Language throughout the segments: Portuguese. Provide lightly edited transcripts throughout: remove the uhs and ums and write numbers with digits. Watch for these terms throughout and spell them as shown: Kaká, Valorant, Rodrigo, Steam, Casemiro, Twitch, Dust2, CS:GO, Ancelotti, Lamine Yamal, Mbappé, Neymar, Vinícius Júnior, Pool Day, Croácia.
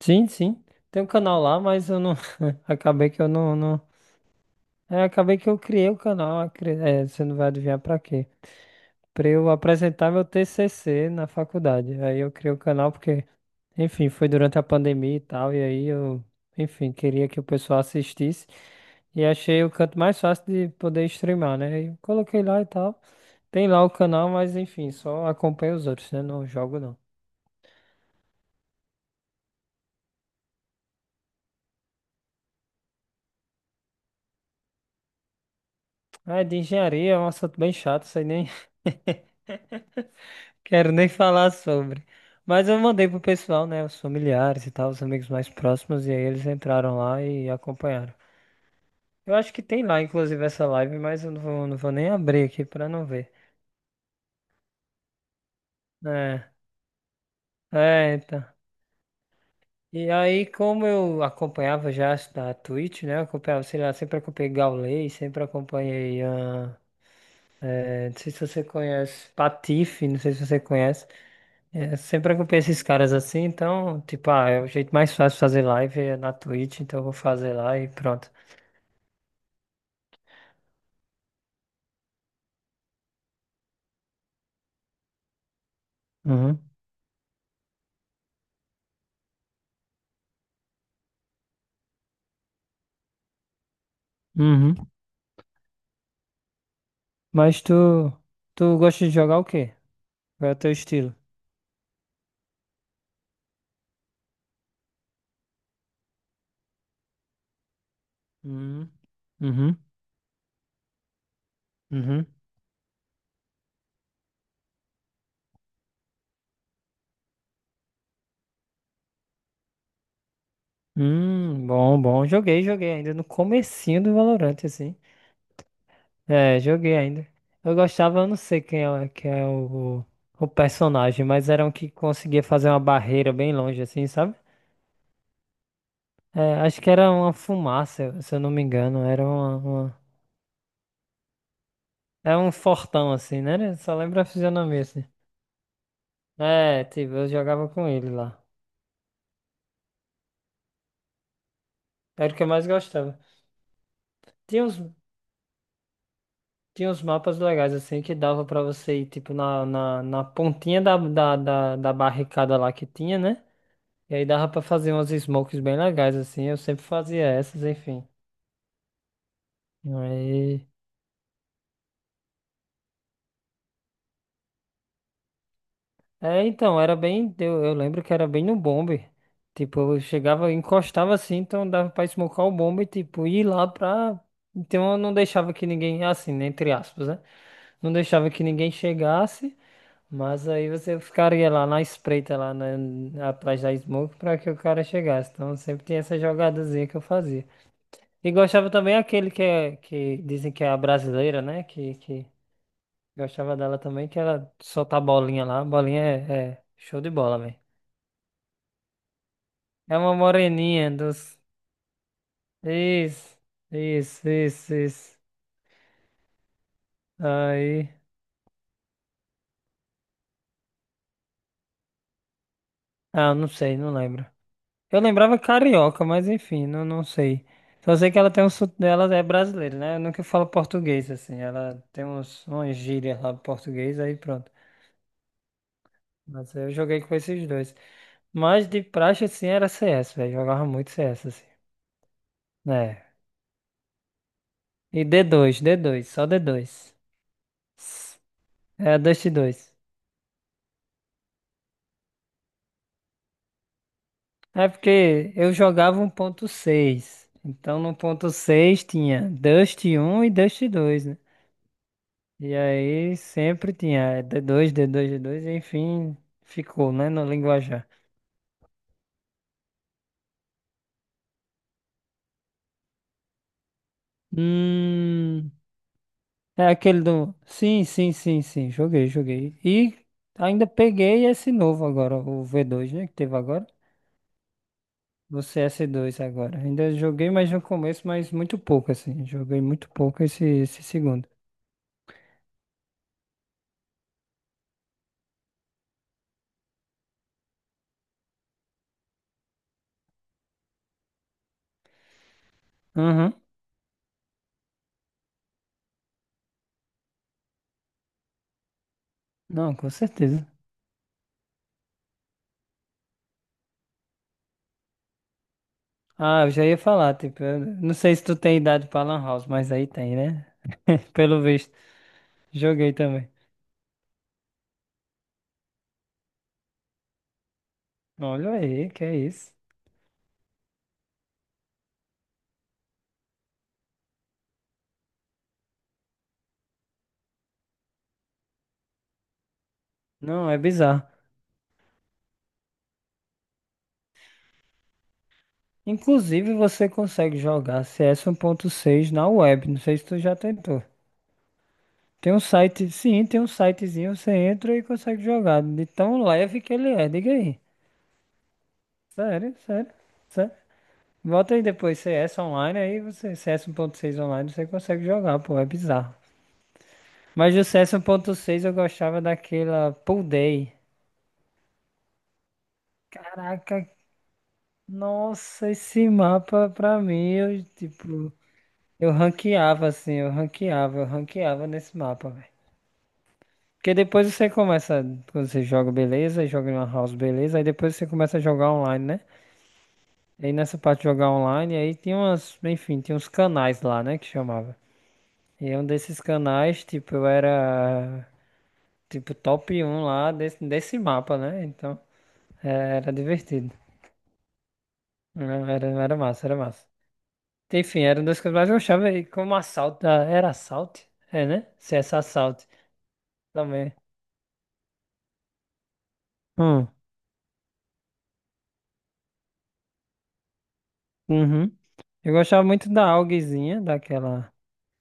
Sim, sim. Tem um canal lá, mas eu não. Acabei que eu não. É, acabei que eu criei o canal. É, você não vai adivinhar pra quê? Pra eu apresentar meu TCC na faculdade. Aí eu criei o canal porque, enfim, foi durante a pandemia e tal. E aí eu, enfim, queria que o pessoal assistisse. E achei o canto mais fácil de poder streamar, né? E coloquei lá e tal. Tem lá o canal, mas enfim, só acompanho os outros, né? Não jogo não. Ah, é de engenharia, é um assunto bem chato, sei nem. Quero nem falar sobre. Mas eu mandei pro pessoal, né? Os familiares e tal, os amigos mais próximos, e aí eles entraram lá e acompanharam. Eu acho que tem lá, inclusive, essa live, mas eu não vou, não vou nem abrir aqui pra não ver. É, é, então. E aí, como eu acompanhava já as da Twitch, né? Eu acompanhava, sei lá, sempre acompanhei Gaulei, sempre acompanhei. Ah, é, não sei se você conhece, Patife, não sei se você conhece. É, sempre acompanho esses caras assim, então, tipo, ah, é o jeito mais fácil de fazer live é na Twitch, então eu vou fazer lá e pronto. Uhum. Uhum. Mas tu gosta de jogar o quê? Qual é o teu estilo? Uhum. Uhum. Uhum. Bom, bom. Joguei ainda no comecinho do Valorant, assim. É, joguei ainda. Eu gostava, eu não sei quem é o personagem, mas era um que conseguia fazer uma barreira bem longe, assim, sabe? É, acho que era uma fumaça, se eu não me engano. Era uma. Era um fortão assim, né? Eu só lembro a fisionomia assim. É, tipo, eu jogava com ele lá. Era o que eu mais gostava. Tinha uns, tinha uns mapas legais assim que dava pra você ir, tipo, na pontinha da barricada lá que tinha, né? E aí dava pra fazer umas smokes bem legais assim. Eu sempre fazia essas, enfim. É, então, era bem. Eu lembro que era bem no bombe. Tipo, eu chegava, encostava assim, então dava pra esmocar o bombe e, tipo, ir lá pra. Então eu não deixava que ninguém, assim, né, entre aspas, né? Não deixava que ninguém chegasse, mas aí você ficaria lá na espreita, atrás da smoke, pra que o cara chegasse. Então sempre tinha essa jogadazinha que eu fazia. E gostava também aquele que, é, que dizem que é a brasileira, né? Que Gostava dela também, que ela solta a bolinha lá. A bolinha é show de bola, velho. É uma moreninha dos. Isso, isso, isso, isso. Aí. Ah, não sei, não lembro. Eu lembrava carioca, mas enfim, não, não sei. Só sei que ela tem um sotaque dela, é brasileira, né? Eu nunca falo português, assim. Ela tem uns, umas gírias lá em português, aí pronto. Mas eu joguei com esses dois. Mas de praxe, assim, era CS, velho. Jogava muito CS, assim. É. E d dois só d dois. É a Dust dois. É porque eu jogava 1.6. Então no ponto seis tinha Dust um e Dust dois, né? E aí sempre tinha d dois, d dois, d dois. Enfim, ficou, né, no linguajar. Hum, é aquele do. Sim, sim, sim, sim, joguei. E ainda peguei esse novo agora, o v dois, né, que teve agora. O C S dois agora. Ainda joguei mais no começo, mas muito pouco, assim. Joguei muito pouco esse segundo. Uhum. Não, com certeza. Ah, eu já ia falar, tipo, eu não sei se tu tem idade pra Lan House, mas aí tem, né? Pelo visto. Joguei também. Olha aí, que é isso. Não, é bizarro. Inclusive, você consegue jogar CS seis na web. Não sei se tu já tentou. Tem um site, sim, tem um sitezinho, você entra e consegue jogar. De tão leve que ele é, diga aí. Sério, sério, sério. Bota aí depois CS online, aí você, CS seis online, você consegue jogar, pô, é bizarro. Mas o CS 1.6 eu gostava daquela Pool Day. Caraca, nossa, esse mapa pra mim, eu, tipo, eu ranqueava assim, eu ranqueava nesse mapa, velho. Porque depois você começa, quando você joga, beleza, joga em uma house, beleza, aí depois você começa a jogar online, né? E aí nessa parte de jogar online, aí tinha umas, enfim, tinha uns canais lá, né, que chamava. E um desses canais, tipo, eu era, tipo, top um lá desse mapa, né? Então, é, era divertido. Não, era massa, era massa. Enfim, eram duas coisas, mas eu achava aí como assalto. Ah, era assalto? É, né? Se CS assalto também. Hum. Uhum. Eu gostava muito da augzinha, daquela.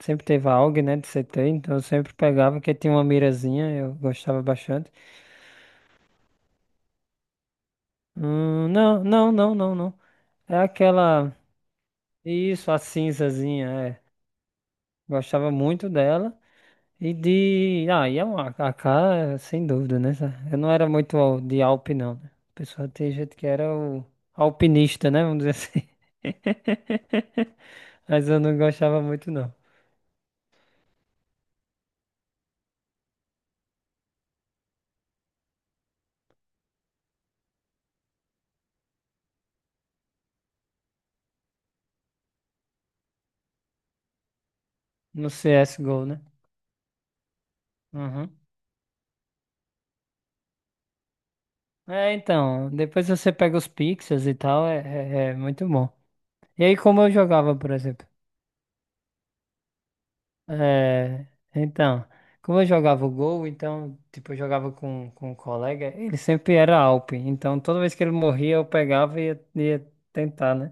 Sempre teve a aug, né, de CT, então eu sempre pegava, que tinha uma mirazinha, eu gostava bastante. Não, não, não, não, não. É aquela. Isso, a cinzazinha, é. Gostava muito dela. E de. Ah, e é um AK, sem dúvida, né? Eu não era muito de Alpe, não, né? O pessoal tem gente que era o alpinista, né? Vamos dizer assim. Mas eu não gostava muito, não. No CSGO, né? Uhum. É, então, depois você pega os pixels e tal, é muito bom. E aí, como eu jogava, por exemplo? É, então, como eu jogava o gol, então, tipo, eu jogava com um colega, ele sempre era Alp, então toda vez que ele morria eu pegava e ia tentar, né?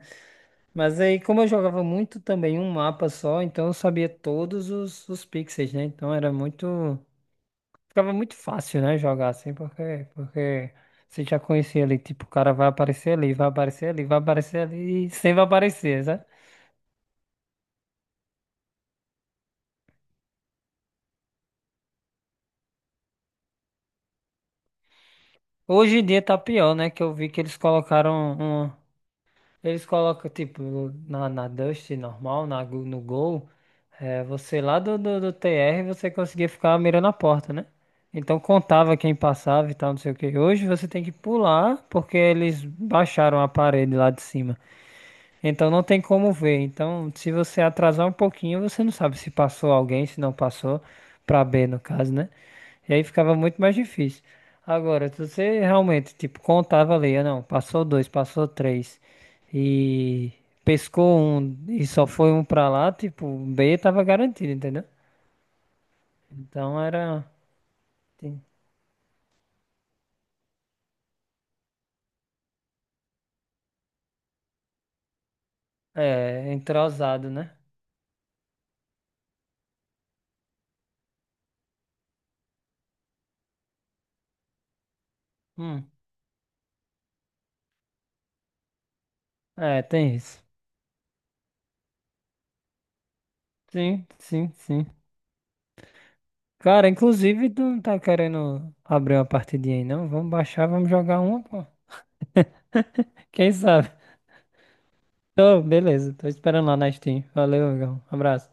Mas aí, como eu jogava muito também um mapa só, então eu sabia todos os pixels, né? Então era muito, ficava muito fácil, né, jogar assim, porque você já conhecia ali, tipo, o cara vai aparecer ali, vai aparecer ali, vai aparecer ali e sempre vai aparecer, né? Hoje em dia tá pior, né? Que eu vi que eles colocaram um. Eles colocam, tipo, na Dust normal, no Gol, é, você lá do TR, você conseguia ficar mirando a porta, né? Então contava quem passava e tal, não sei o que. Hoje você tem que pular, porque eles baixaram a parede lá de cima. Então não tem como ver. Então, se você atrasar um pouquinho, você não sabe se passou alguém, se não passou, para B no caso, né? E aí ficava muito mais difícil. Agora, se você realmente, tipo, contava ali, ah, não, passou dois, passou três, e pescou um e só foi um pra lá, tipo, B tava garantido, entendeu? Então era, tem- é, entrosado, né? Hum, é, tem isso. Sim, sim, sim. Cara, inclusive tu não tá querendo abrir uma partidinha aí, não? Vamos baixar, vamos jogar uma, pô. Quem sabe? Tô, beleza. Tô esperando lá na Steam. Valeu, amigão. Abraço.